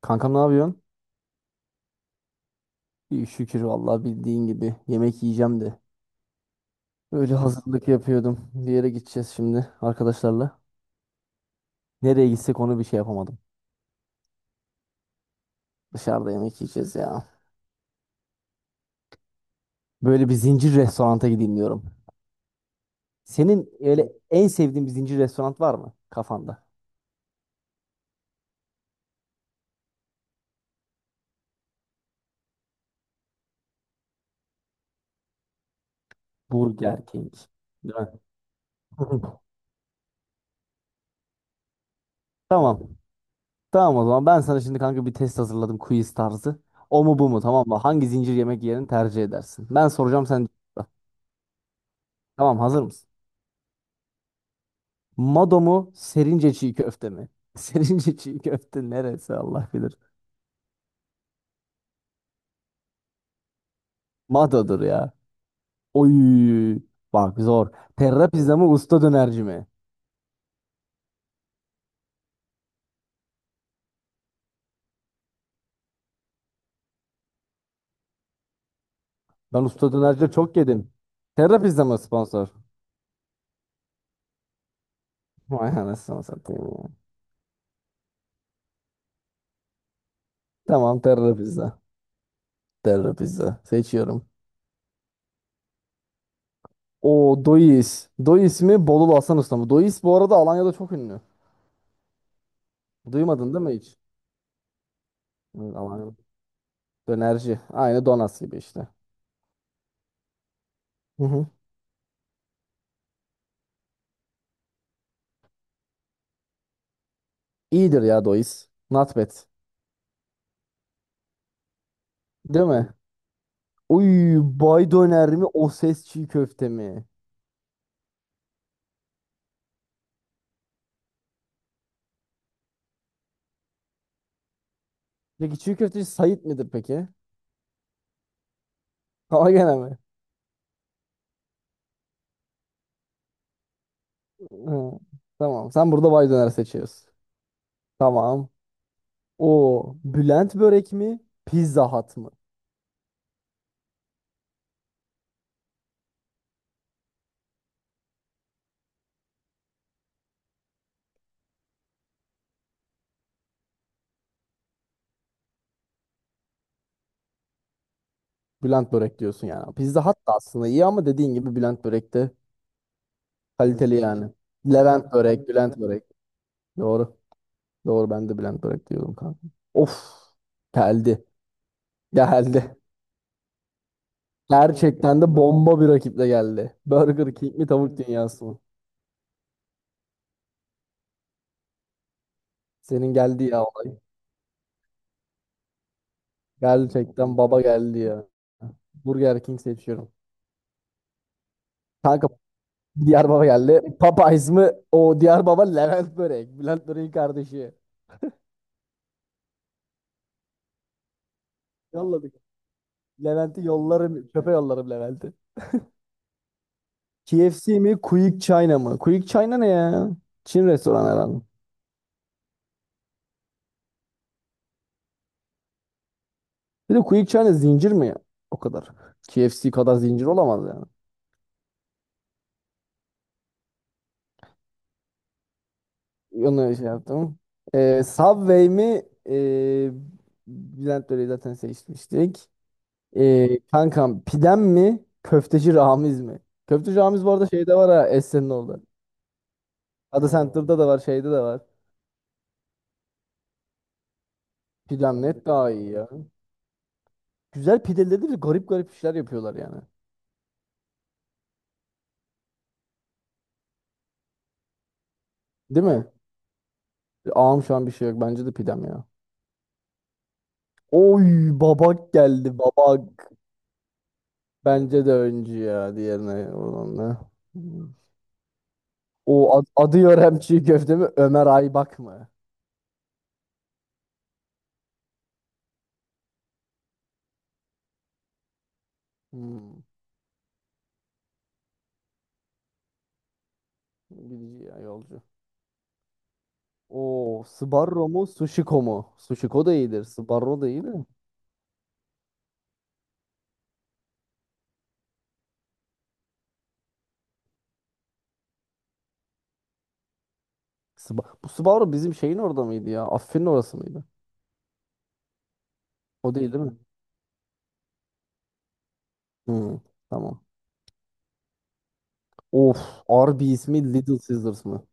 Kankam ne yapıyorsun? İyi şükür vallahi bildiğin gibi yemek yiyeceğim de. Öyle hazırlık yapıyordum. Bir yere gideceğiz şimdi arkadaşlarla. Nereye gitsek onu bir şey yapamadım. Dışarıda yemek yiyeceğiz ya. Böyle bir zincir restoranta gideyim diyorum. Senin öyle en sevdiğin bir zincir restoran var mı kafanda? Burger King. Değil mi? Tamam. Tamam o zaman ben sana şimdi kanka bir test hazırladım quiz tarzı. O mu bu mu tamam mı? Hangi zincir yemek yerini tercih edersin? Ben soracağım sen tamam hazır mısın? Mado mu? Serince çiğ köfte mi? Serince çiğ köfte neresi Allah bilir. Mado'dur ya. Oy. Bak zor. Terra pizza mı usta dönerci mi? Ben usta dönerci çok yedim. Terra pizza mı sponsor? Vay anasını satayım ya. Tamam Terra pizza. Terra pizza. Seçiyorum. O Dois. Dois mi? Bolulu Hasan Usta mı? Dois bu arada Alanya'da çok ünlü. Duymadın değil mi hiç? Evet, Alanya. Dönerci. Aynı Donas gibi işte. Hı hı. İyidir ya Dois. Not bad. Değil mi? Uy bay döner mi o ses çiğ köfte mi? Peki çiğ köfteci Sait midir peki? Ama gene mi? Ha, tamam sen burada bay döner seçiyorsun. Tamam. O Bülent börek mi? Pizza Hut mı? Bülent börek diyorsun yani. Pizza Hut da aslında iyi ama dediğin gibi Bülent börek de kaliteli yani. Levent börek, Bülent börek. Doğru. Doğru ben de Bülent börek diyordum kanka. Of. Geldi. Geldi. Gerçekten de bomba bir rakiple geldi. Burger King mi tavuk dünyası mı? Senin geldi ya olay. Gerçekten baba geldi ya. Burger King seçiyorum. Kanka diğer baba geldi. Popeyes mi? O diğer baba Levent Börek. Bülent Börek'in kardeşi. Yolladık. Levent'i yollarım. Çöpe yollarım Levent'i. KFC mi? Quick China mı? Quick China ne ya? Çin restoranı herhalde. Bir de Quick China zincir mi ya? O kadar. KFC kadar zincir olamaz yani. Onu şey yaptım. Subway mi? Ee, Bülent Börek'i zaten seçmiştik. Kankam pidem mi? Köfteci Ramiz mi? Köfteci Ramiz bu arada şeyde var ha Esen'in orada. Ada Center'da da var şeyde de var. Pidem net daha iyi ya. Güzel pideleri de bir garip garip işler yapıyorlar yani. Değil mi? Ağam şu an bir şey yok. Bence de pidem ya. Oy babak geldi babak. Bence de öncü ya diğerine olan. Hmm. Adı Yörem çiğ köfte mi? Ömer Aybak mı? Hmm. Gidici ya yolcu. O Sbarro mu Sushiko mu? Sushiko da iyidir. Sbarro da iyi de. Bu Sbarro bizim şeyin orada mıydı ya? Affin'in orası mıydı? O değil değil mi? Hı, tamam. Of. Arby's mi Little Caesars mı?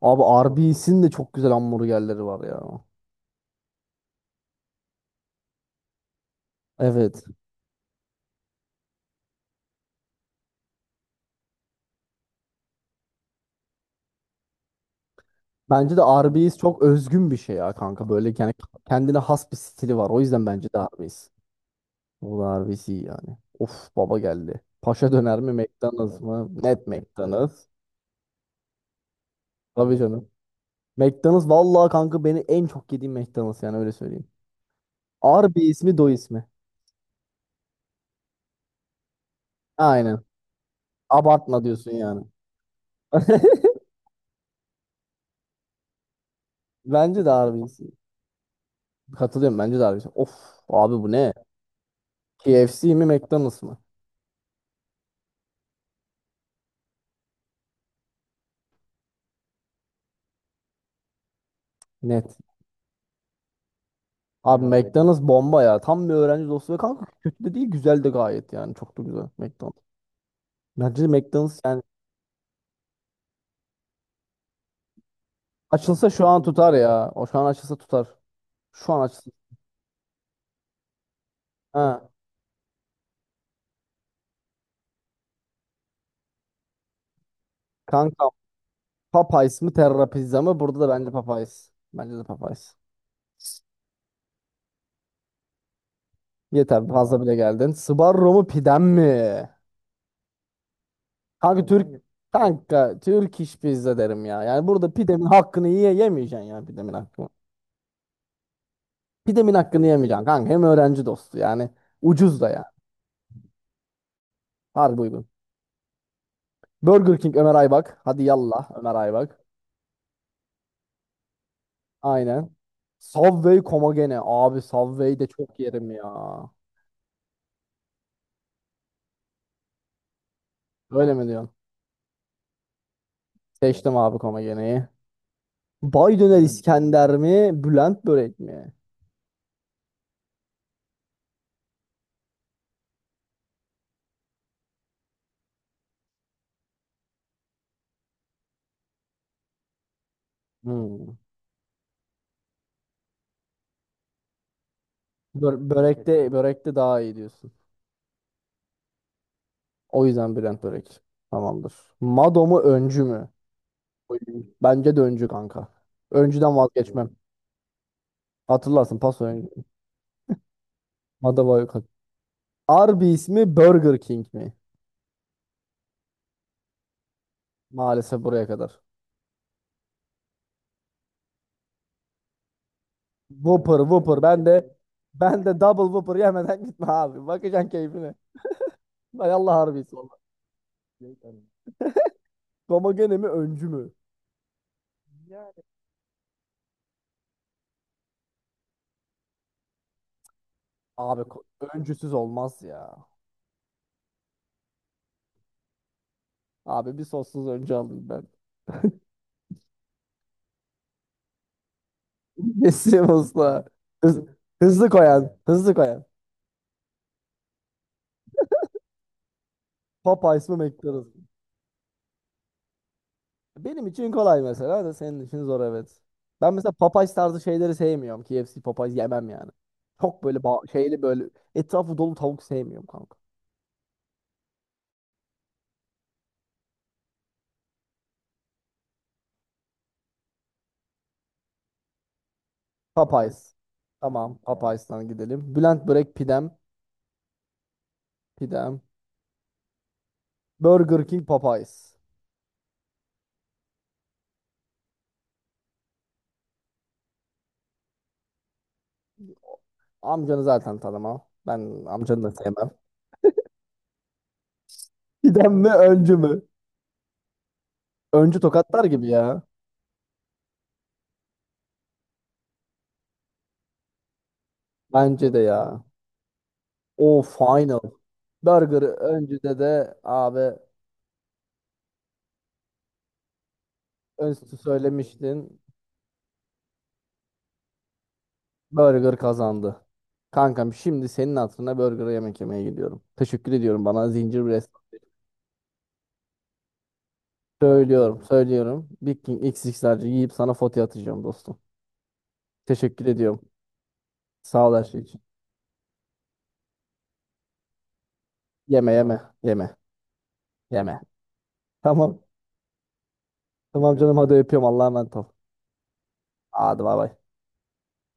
Abi Arby's'in de çok güzel hamburgerleri var ya. Evet. Bence de Arby's çok özgün bir şey ya kanka. Böyle yani kendine has bir stili var. O yüzden bence de Arby's. O da Arby's iyi yani. Of baba geldi. Paşa döner mi McDonald's mı? Net McDonald's. Tabii canım. McDonald's vallahi kanka beni en çok yediğim McDonald's yani öyle söyleyeyim. Arby ismi do ismi. Aynen. Abartma diyorsun yani. Bence de Arby bir isim. Katılıyorum bence de Arby bir isim. Of abi bu ne? KFC mi McDonald's mı? Net. Abi McDonald's bomba ya. Tam bir öğrenci dostu ve kanka kötü de değil güzel de gayet yani. Çok da güzel McDonald's. Bence de McDonald's yani açılsa şu an tutar ya. O şu an açılsa tutar. Şu an açılsa. Ha. Kanka Popeyes mi Terra Pizza mı? Burada da bence Popeyes. Bence de Popeyes. Yeter fazla bile geldin. Sbarro mu pidem mi? Kanka Türk hangi? Kanka Türk iş pizza derim ya. Yani burada pidemin hakkını yemeyeceksin ya pidemin hakkını. Pidemin hakkını yemeyeceksin kanka. Hem öğrenci dostu yani. Ucuz da ya. Harbi uygun. Burger King Ömer Aybak. Hadi yallah Ömer Aybak. Aynen. Subway Komagene. Abi Subway de çok yerim ya. Öyle mi diyorsun? Seçtim abi Komagene'yi. Baydöner İskender mi? Bülent börek mi? Hmm. Börekte daha iyi diyorsun. O yüzden Brent Brake. Tamamdır. Mado mu öncü mü? Oy. Bence de öncü kanka. Öncüden vazgeçmem. Hatırlarsın paso öncü. Mado var yok. Arby's mi Burger King mi? Maalesef buraya kadar. Whopper Whopper ben de double Whopper yemeden gitme abi. Bakacaksın keyfine. Hay Allah Arby's valla. Domagene mi öncü mü? Abi ko- öncüsüz olmaz ya. Abi bir sossuz öncü aldım ben. Nesim usta. Hız- hızlı koyan. Hızlı koyan. Popeyes mi McDonald's mı? Benim için kolay mesela da senin için zor evet. Ben mesela Popeyes tarzı şeyleri sevmiyorum. KFC Popeyes yemem yani. Çok böyle şeyli böyle etrafı dolu tavuk sevmiyorum kanka. Popeyes. Tamam Popeyes'tan gidelim. Bülent Börek pidem. Pidem. Burger King Popeyes. Amcanı zaten tanımam. Ben amcanı da sevmem. Pidem mi öncü mü? Öncü tokatlar gibi ya. Bence de ya. O final. Burger öncüde de abi önce söylemiştin. Burger kazandı. Kankam şimdi senin hatırına burger yemek yemeye gidiyorum. Teşekkür ediyorum bana zincir bir restoran. Söylüyorum, söylüyorum. Big King XX'lerce yiyip sana fotoğraf atacağım dostum. Teşekkür ediyorum. Sağ ol her şey için. Yeme yeme yeme yeme. Tamam. Tamam canım hadi öpüyorum. Allah'a emanet ol. Hadi bay bay.